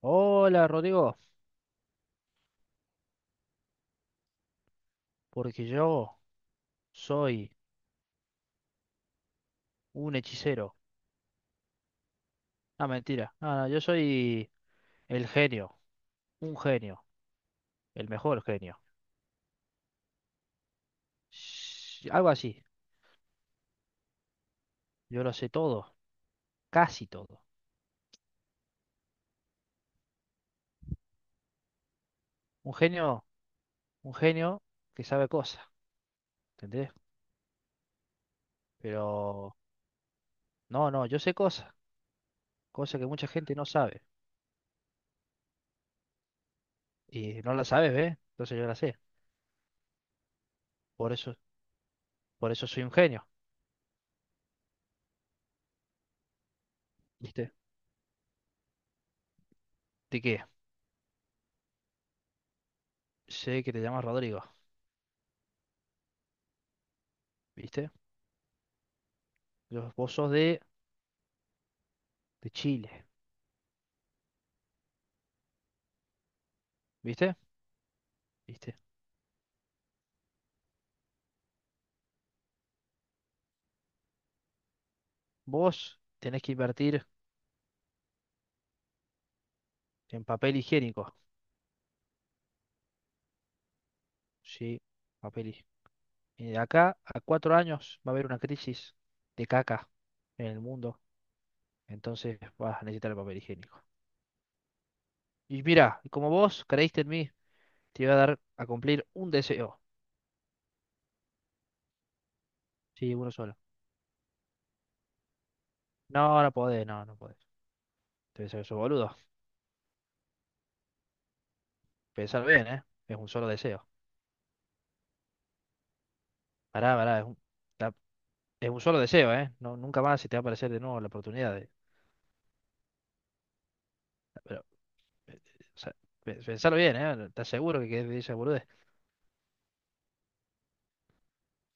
Hola Rodrigo, porque yo soy un hechicero. Ah, mentira. No, no, yo soy el genio, un genio, el mejor genio. Algo así. Yo lo sé todo, casi todo. Un genio, un genio que sabe cosas, ¿entendés? Pero no, no, yo sé cosas, cosas que mucha gente no sabe y no la sabe, ¿ves? Entonces yo la sé. Por eso, por eso soy un genio, ¿viste? ¿De qué? Sé que te llamas Rodrigo, ¿viste? Vos sos de Chile, ¿viste? ¿Viste? Vos tenés que invertir en papel higiénico, ¿sí? Papel higiénico. Y de acá a 4 años va a haber una crisis de caca en el mundo, entonces vas a necesitar el papel higiénico. Y mira, como vos creíste en mí, te voy a dar a cumplir un deseo, sí, uno solo. No, no podés, no, no podés. Te deseo eso, boludo. Pensar bien, ¿eh? Es un solo deseo. Pará, pará, es un, la- es un solo deseo, ¿eh? No, nunca más se te va a aparecer de nuevo la oportunidad de... Pero, o sea, pensalo bien, ¿eh? ¿Estás seguro que querés esa boludo?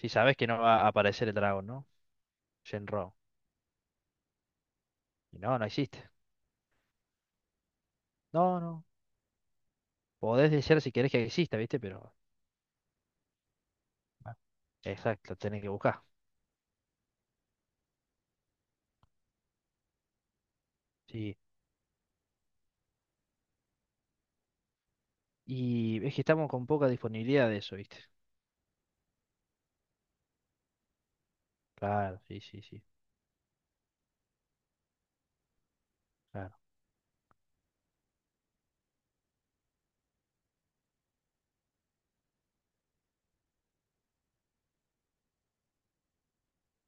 Si sabes que no va a aparecer el dragón, ¿no? Shenron. Y no, no existe. No, no. Podés desear si querés que exista, ¿viste? Pero. Bueno, exacto, tenés que buscar. Sí. Y es que estamos con poca disponibilidad de eso, ¿viste? Claro, sí, sí, sí. Claro.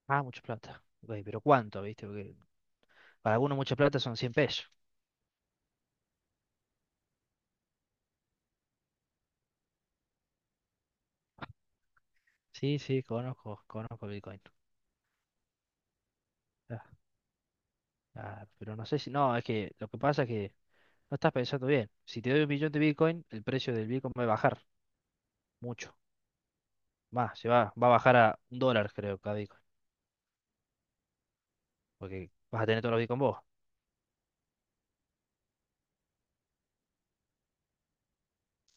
Ah, mucha plata. Güey, pero ¿cuánto, viste? Porque para algunos mucha plata son 100 pesos. Sí, sí, conozco, conozco Bitcoin. Ah, ah, pero no sé si. No, es que lo que pasa es que no estás pensando bien. Si te doy 1 millón de Bitcoin, el precio del Bitcoin va a bajar mucho. Va, se va, va a bajar a $1, creo, cada Bitcoin. Porque vas a tener todos los Bitcoin vos.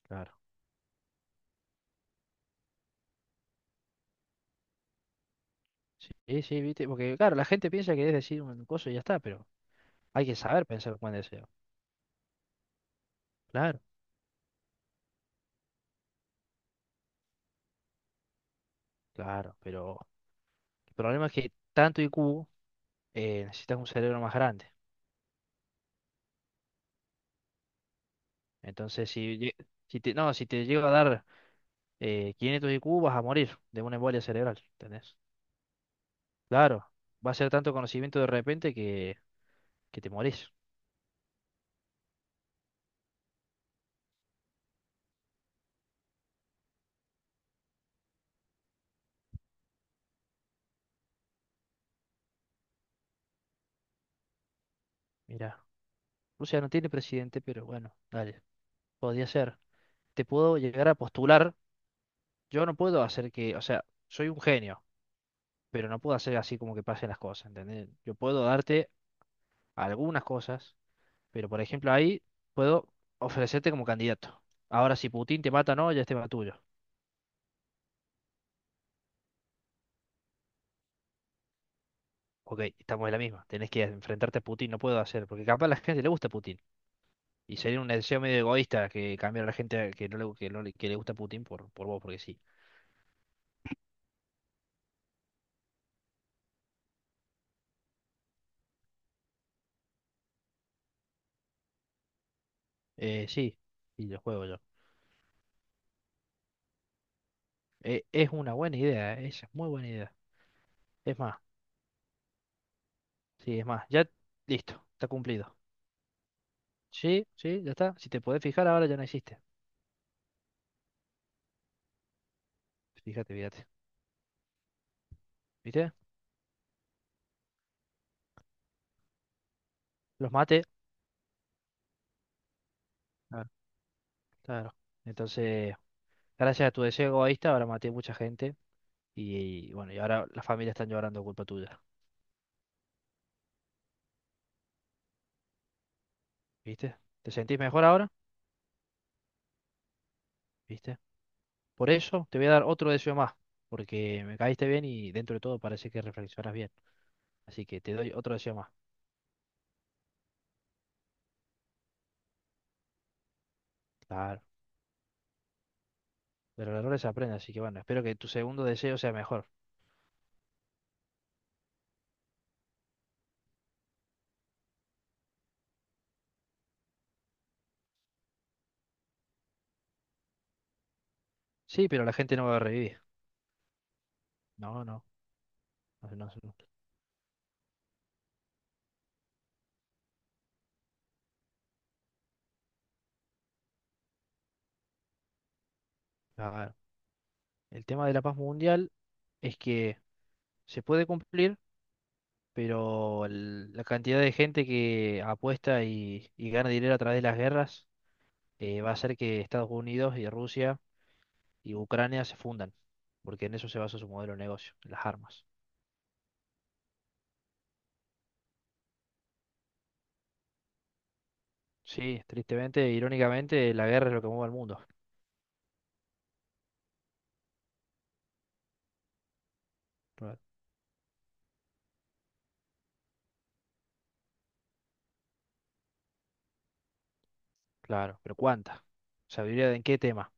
Claro. Sí, sí, viste. Porque, claro, la gente piensa que es decir un coso y ya está, pero hay que saber pensar con deseo. Claro, claro. Pero el problema es que tanto IQ, necesitas un cerebro más grande. Entonces, si, si te, no, si te llega a dar 500 IQ, vas a morir de una embolia cerebral. ¿Entendés? Claro. Va a ser tanto conocimiento de repente que te morís. Mira, Rusia no tiene presidente, pero bueno, dale. Podría ser. Te puedo llegar a postular. Yo no puedo hacer que, o sea, soy un genio, pero no puedo hacer así como que pasen las cosas, ¿entendés? Yo puedo darte algunas cosas, pero por ejemplo ahí puedo ofrecerte como candidato. Ahora, si Putin te mata no, ya es tema tuyo. Ok, estamos en la misma. Tenés que enfrentarte a Putin, no puedo hacer, porque capaz a la gente le gusta Putin. Y sería un deseo medio egoísta que cambiar a la gente que no le, que le gusta Putin por vos, porque sí. Sí, y lo juego yo. Es una buena idea, esa es muy buena idea. Es más. Sí, es más, ya listo, está cumplido. Sí, sí, ya está. Si te podés fijar, ahora ya no existe. Fíjate, fíjate. ¿Viste? Los maté. Claro. Claro. Entonces, gracias a tu deseo egoísta, ahora maté mucha gente. Y bueno, y ahora las familias están llorando culpa tuya. ¿Viste? ¿Te sentís mejor ahora? ¿Viste? Por eso te voy a dar otro deseo más. Porque me caíste bien y dentro de todo parece que reflexionas bien. Así que te doy otro deseo más. Claro. Pero el error se aprende, así que bueno, espero que tu segundo deseo sea mejor. Sí, pero la gente no va a revivir. No, no. no- no- no- claro. El tema de la paz mundial es que se puede cumplir, pero la cantidad de gente que apuesta y gana dinero a través de las guerras va a hacer que Estados Unidos y Rusia y Ucrania se fundan, porque en eso se basa su modelo de negocio, en las armas. Sí, tristemente, irónicamente, la guerra es lo que mueve al mundo. Claro, claro, pero ¿cuánta? ¿Sabiduría en qué tema?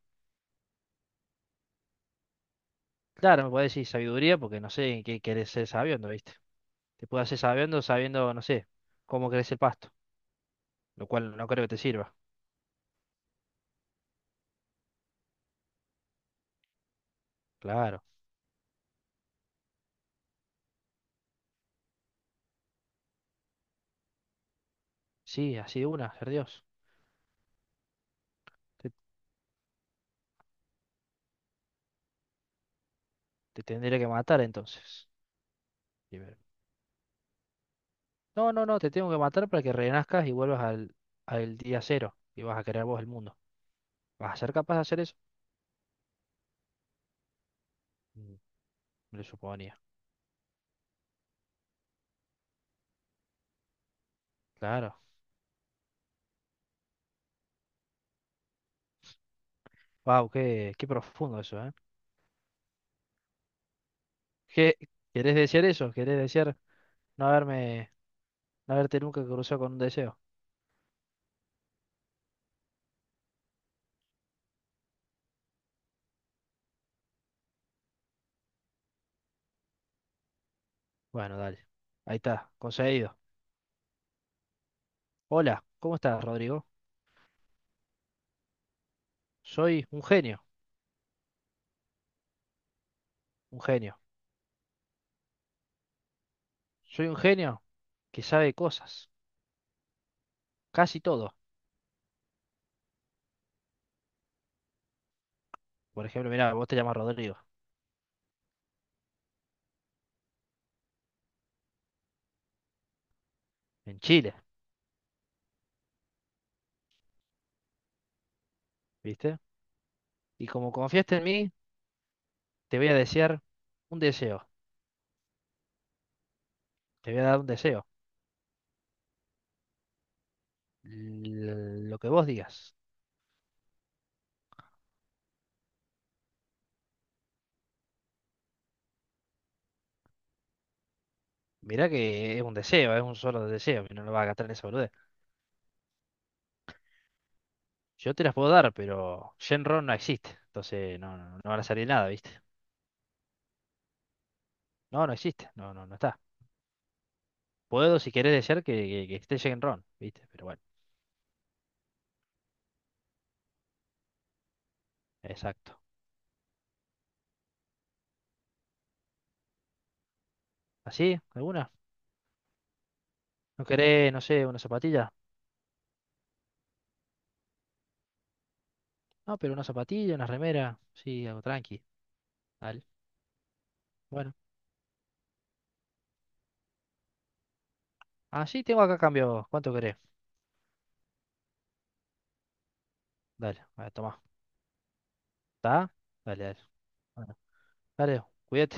Claro, me puede decir sabiduría porque no sé en qué querés ser sabiendo, ¿viste? Te puedes hacer sabiendo, sabiendo, no sé, cómo crece el pasto. Lo cual no creo que te sirva. Claro. Sí, así de una, ser Dios. Te, te tendré que matar entonces. Primero. No, no, no, te tengo que matar para que renazcas y vuelvas al, al día cero y vas a crear vos el mundo. ¿Vas a ser capaz de hacer eso? Mm. Me lo suponía. Claro. Wow, qué profundo eso, ¿eh? ¿Qué, querés desear eso? ¿Querés desear no haberme, no haberte nunca cruzado con un deseo? Bueno, dale. Ahí está, conseguido. Hola, ¿cómo estás, Rodrigo? Soy un genio, un genio. Soy un genio que sabe cosas. Casi todo. Por ejemplo, mira, vos te llamas Rodrigo, en Chile, ¿viste? Y como confiaste en mí, te voy a desear un deseo, te voy a dar un deseo, lo que vos digas. Mirá que es un deseo, es un solo deseo, que no lo vas a gastar en esa boludez. Yo te las puedo dar, pero Shenron no existe, entonces no, no, no van a salir nada, ¿viste? No, no existe, no, no, no está. Puedo, si querés, desear que esté Shenron, ¿viste? Pero bueno, exacto. ¿Así? ¿Alguna? ¿No querés, no sé, una zapatilla? No, pero una zapatilla, una remera, sí, algo tranqui. Dale. Bueno. Ah, sí, tengo acá cambio. ¿Cuánto querés? Dale, a ver, tomá. ¿Está? Dale, dale. Bueno, dale, cuídate.